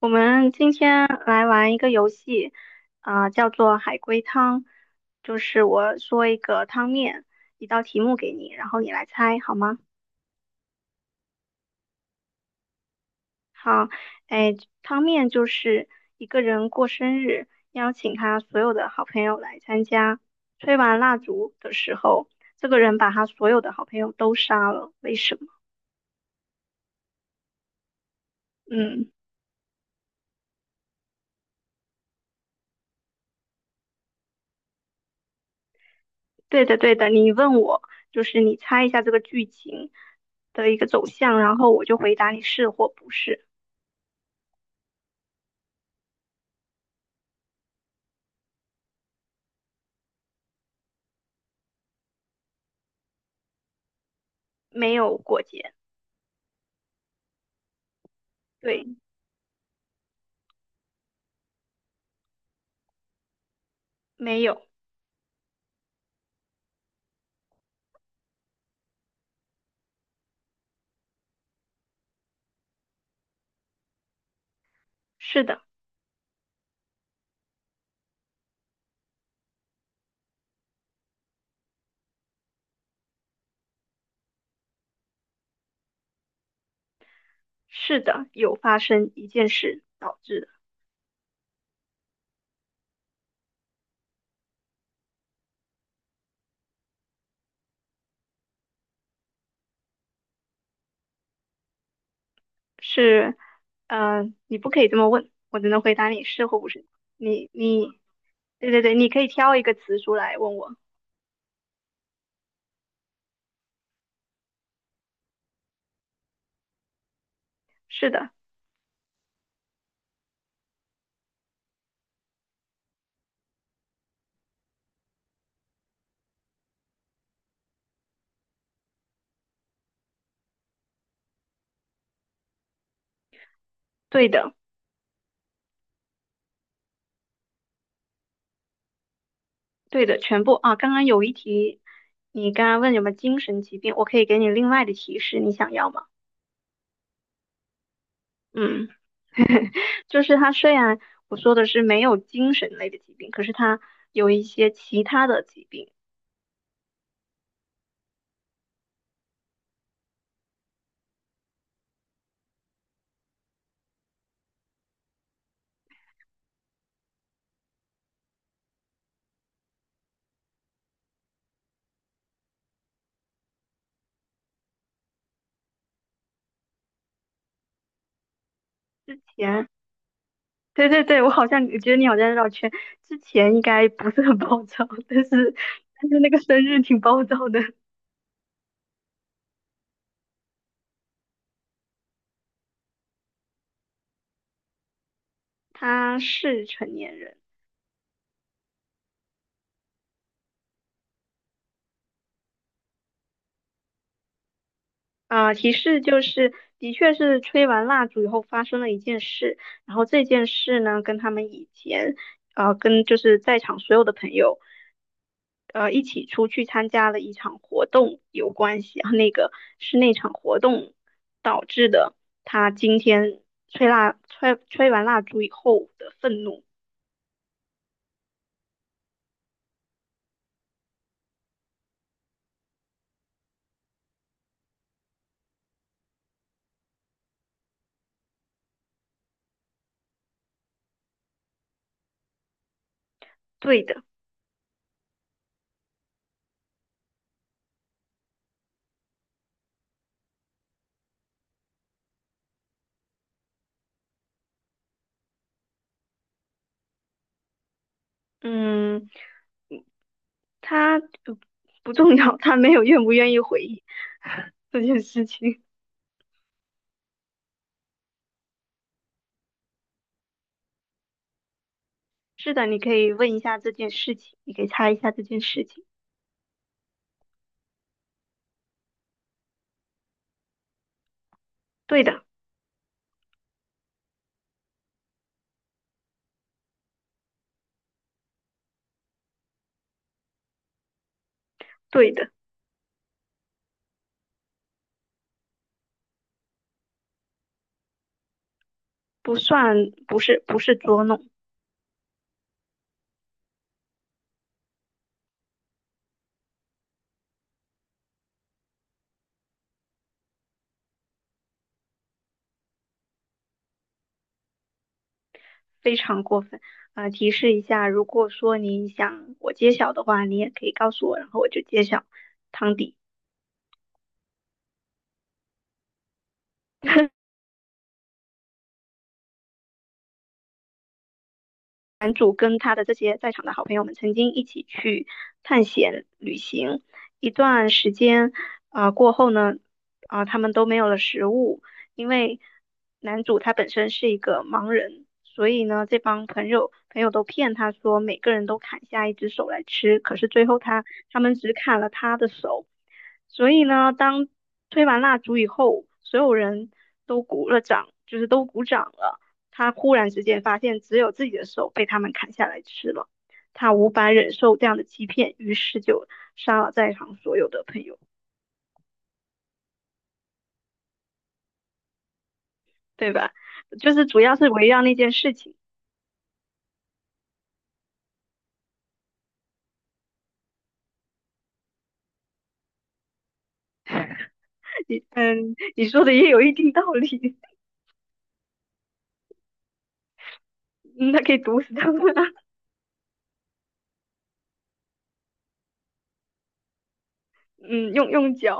我们今天来玩一个游戏，叫做海龟汤，就是我说一个汤面，一道题目给你，然后你来猜，好吗？好，哎，汤面就是一个人过生日，邀请他所有的好朋友来参加，吹完蜡烛的时候，这个人把他所有的好朋友都杀了，为什么？嗯，对的，对的，你问我，就是你猜一下这个剧情的一个走向，然后我就回答你是或不是。没有过节，对，没有，是的，是的，有发生一件事导致的，是，你不可以这么问，我只能回答你是或不是，你你，对对对，你可以挑一个词出来问我，是的，对的，对的，全部啊，刚刚有一题，你刚刚问有没有精神疾病，我可以给你另外的提示，你想要吗？嗯。就是他虽然我说的是没有精神类的疾病，可是他有一些其他的疾病，前，对对对，我好像觉得你好像绕圈，之前应该不是很暴躁，但是那个生日挺暴躁的。他是成年人。提示就是，的确是吹完蜡烛以后发生了一件事，然后这件事呢，跟他们以前，跟就是在场所有的朋友，一起出去参加了一场活动有关系啊，然后那个是那场活动导致的，他今天吹完蜡烛以后的愤怒，对的，嗯，他呃不重要，他没有愿不愿意回忆 这件事情。是的，你可以问一下这件事情，你可以猜一下这件事情。对的，对的，不算，不是，不是捉弄，非常过分。提示一下，如果说你想我揭晓的话，你也可以告诉我，然后我就揭晓汤底。男主跟他的这些在场的好朋友们曾经一起去探险旅行一段时间，过后呢，他们都没有了食物，因为男主他本身是一个盲人，所以呢，这帮朋友都骗他说每个人都砍下一只手来吃，可是最后他们只砍了他的手，所以呢，当吹完蜡烛以后，所有人都鼓了掌，就是都鼓掌了。他忽然之间发现只有自己的手被他们砍下来吃了，他无法忍受这样的欺骗，于是就杀了在场所有的朋友，对吧？就是主要是围绕那件事情。你说的也有一定道理。嗯，他可以毒死他们啊。嗯，用脚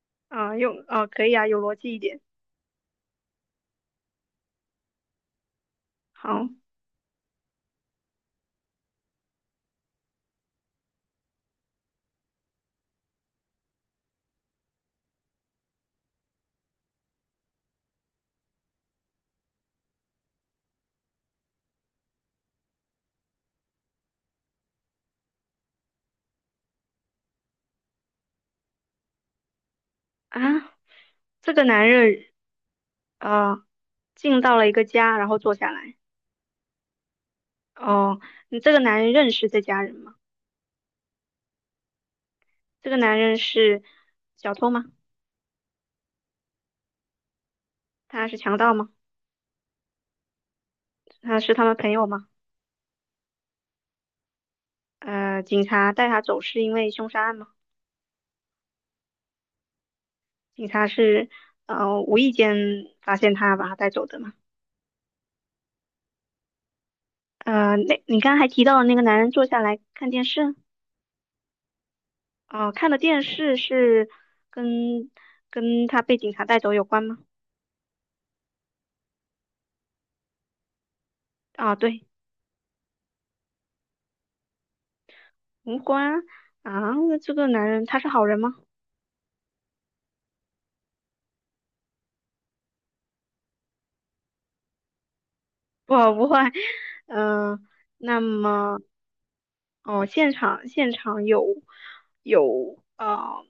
啊，用啊，可以啊，有逻辑一点。好啊，这个男人啊，进到了一个家，然后坐下来。哦，你这个男人认识这家人吗？这个男人是小偷吗？他是强盗吗？他是他们朋友吗？警察带他走是因为凶杀案吗？警察是无意间发现他把他带走的吗？那你刚刚还提到那个男人坐下来看电视，哦、看的电视是跟跟他被警察带走有关吗？啊，对，无关啊。啊，那这个男人他是好人吗？不好不坏，嗯、那么哦，现场有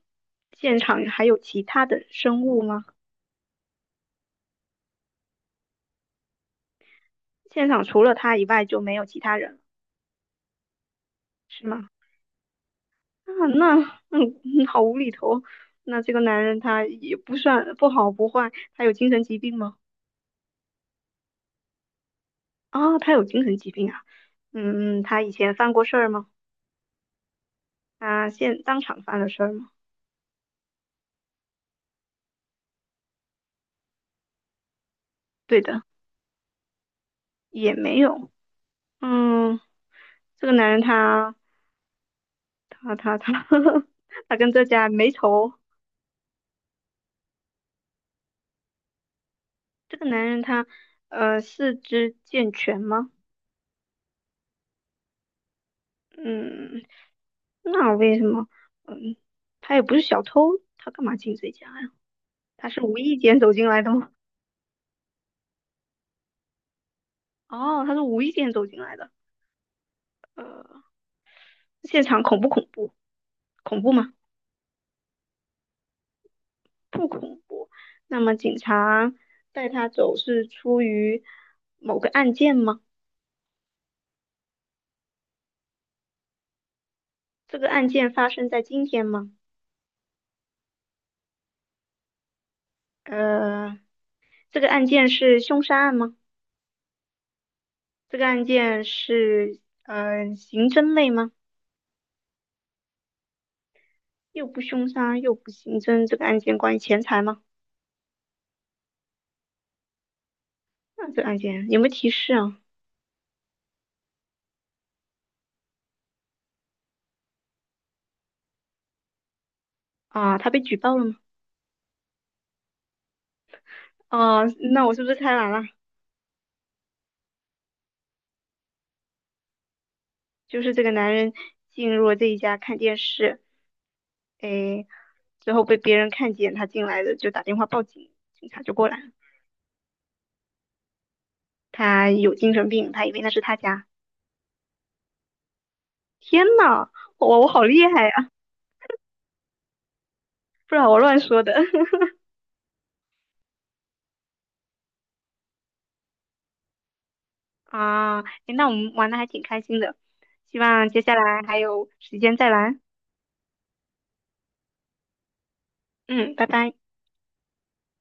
现场还有其他的生物吗？现场除了他以外就没有其他人了，是吗？啊，那好无厘头。那这个男人他也不算不好不坏，他有精神疾病吗？他有精神疾病啊。他以前犯过事儿吗？他当场犯了事儿吗？对的，也没有。嗯，这个男人他他他他 他跟这家没仇。这个男人他四肢健全吗？嗯，那为什么？嗯，他也不是小偷，他干嘛进这家呀？他是无意间走进来的吗？哦，他是无意间走进来的。呃，现场恐不恐怖？恐怖吗？不恐怖。那么警察带他走是出于某个案件吗？这个案件发生在今天吗？呃，这个案件是凶杀案吗？这个案件是刑侦类吗？又不凶杀又不刑侦，这个案件关于钱财吗？那这个案件有没有提示啊？啊，他被举报了吗？哦、那我是不是猜完了？就是这个男人进入了这一家看电视，诶，之后被别人看见他进来的，就打电话报警，警察就过来了。他有精神病，他以为那是他家。天呐，我好厉害啊！不然我乱说的。啊，诶那我们玩的还挺开心的，希望接下来还有时间再玩。嗯，拜拜。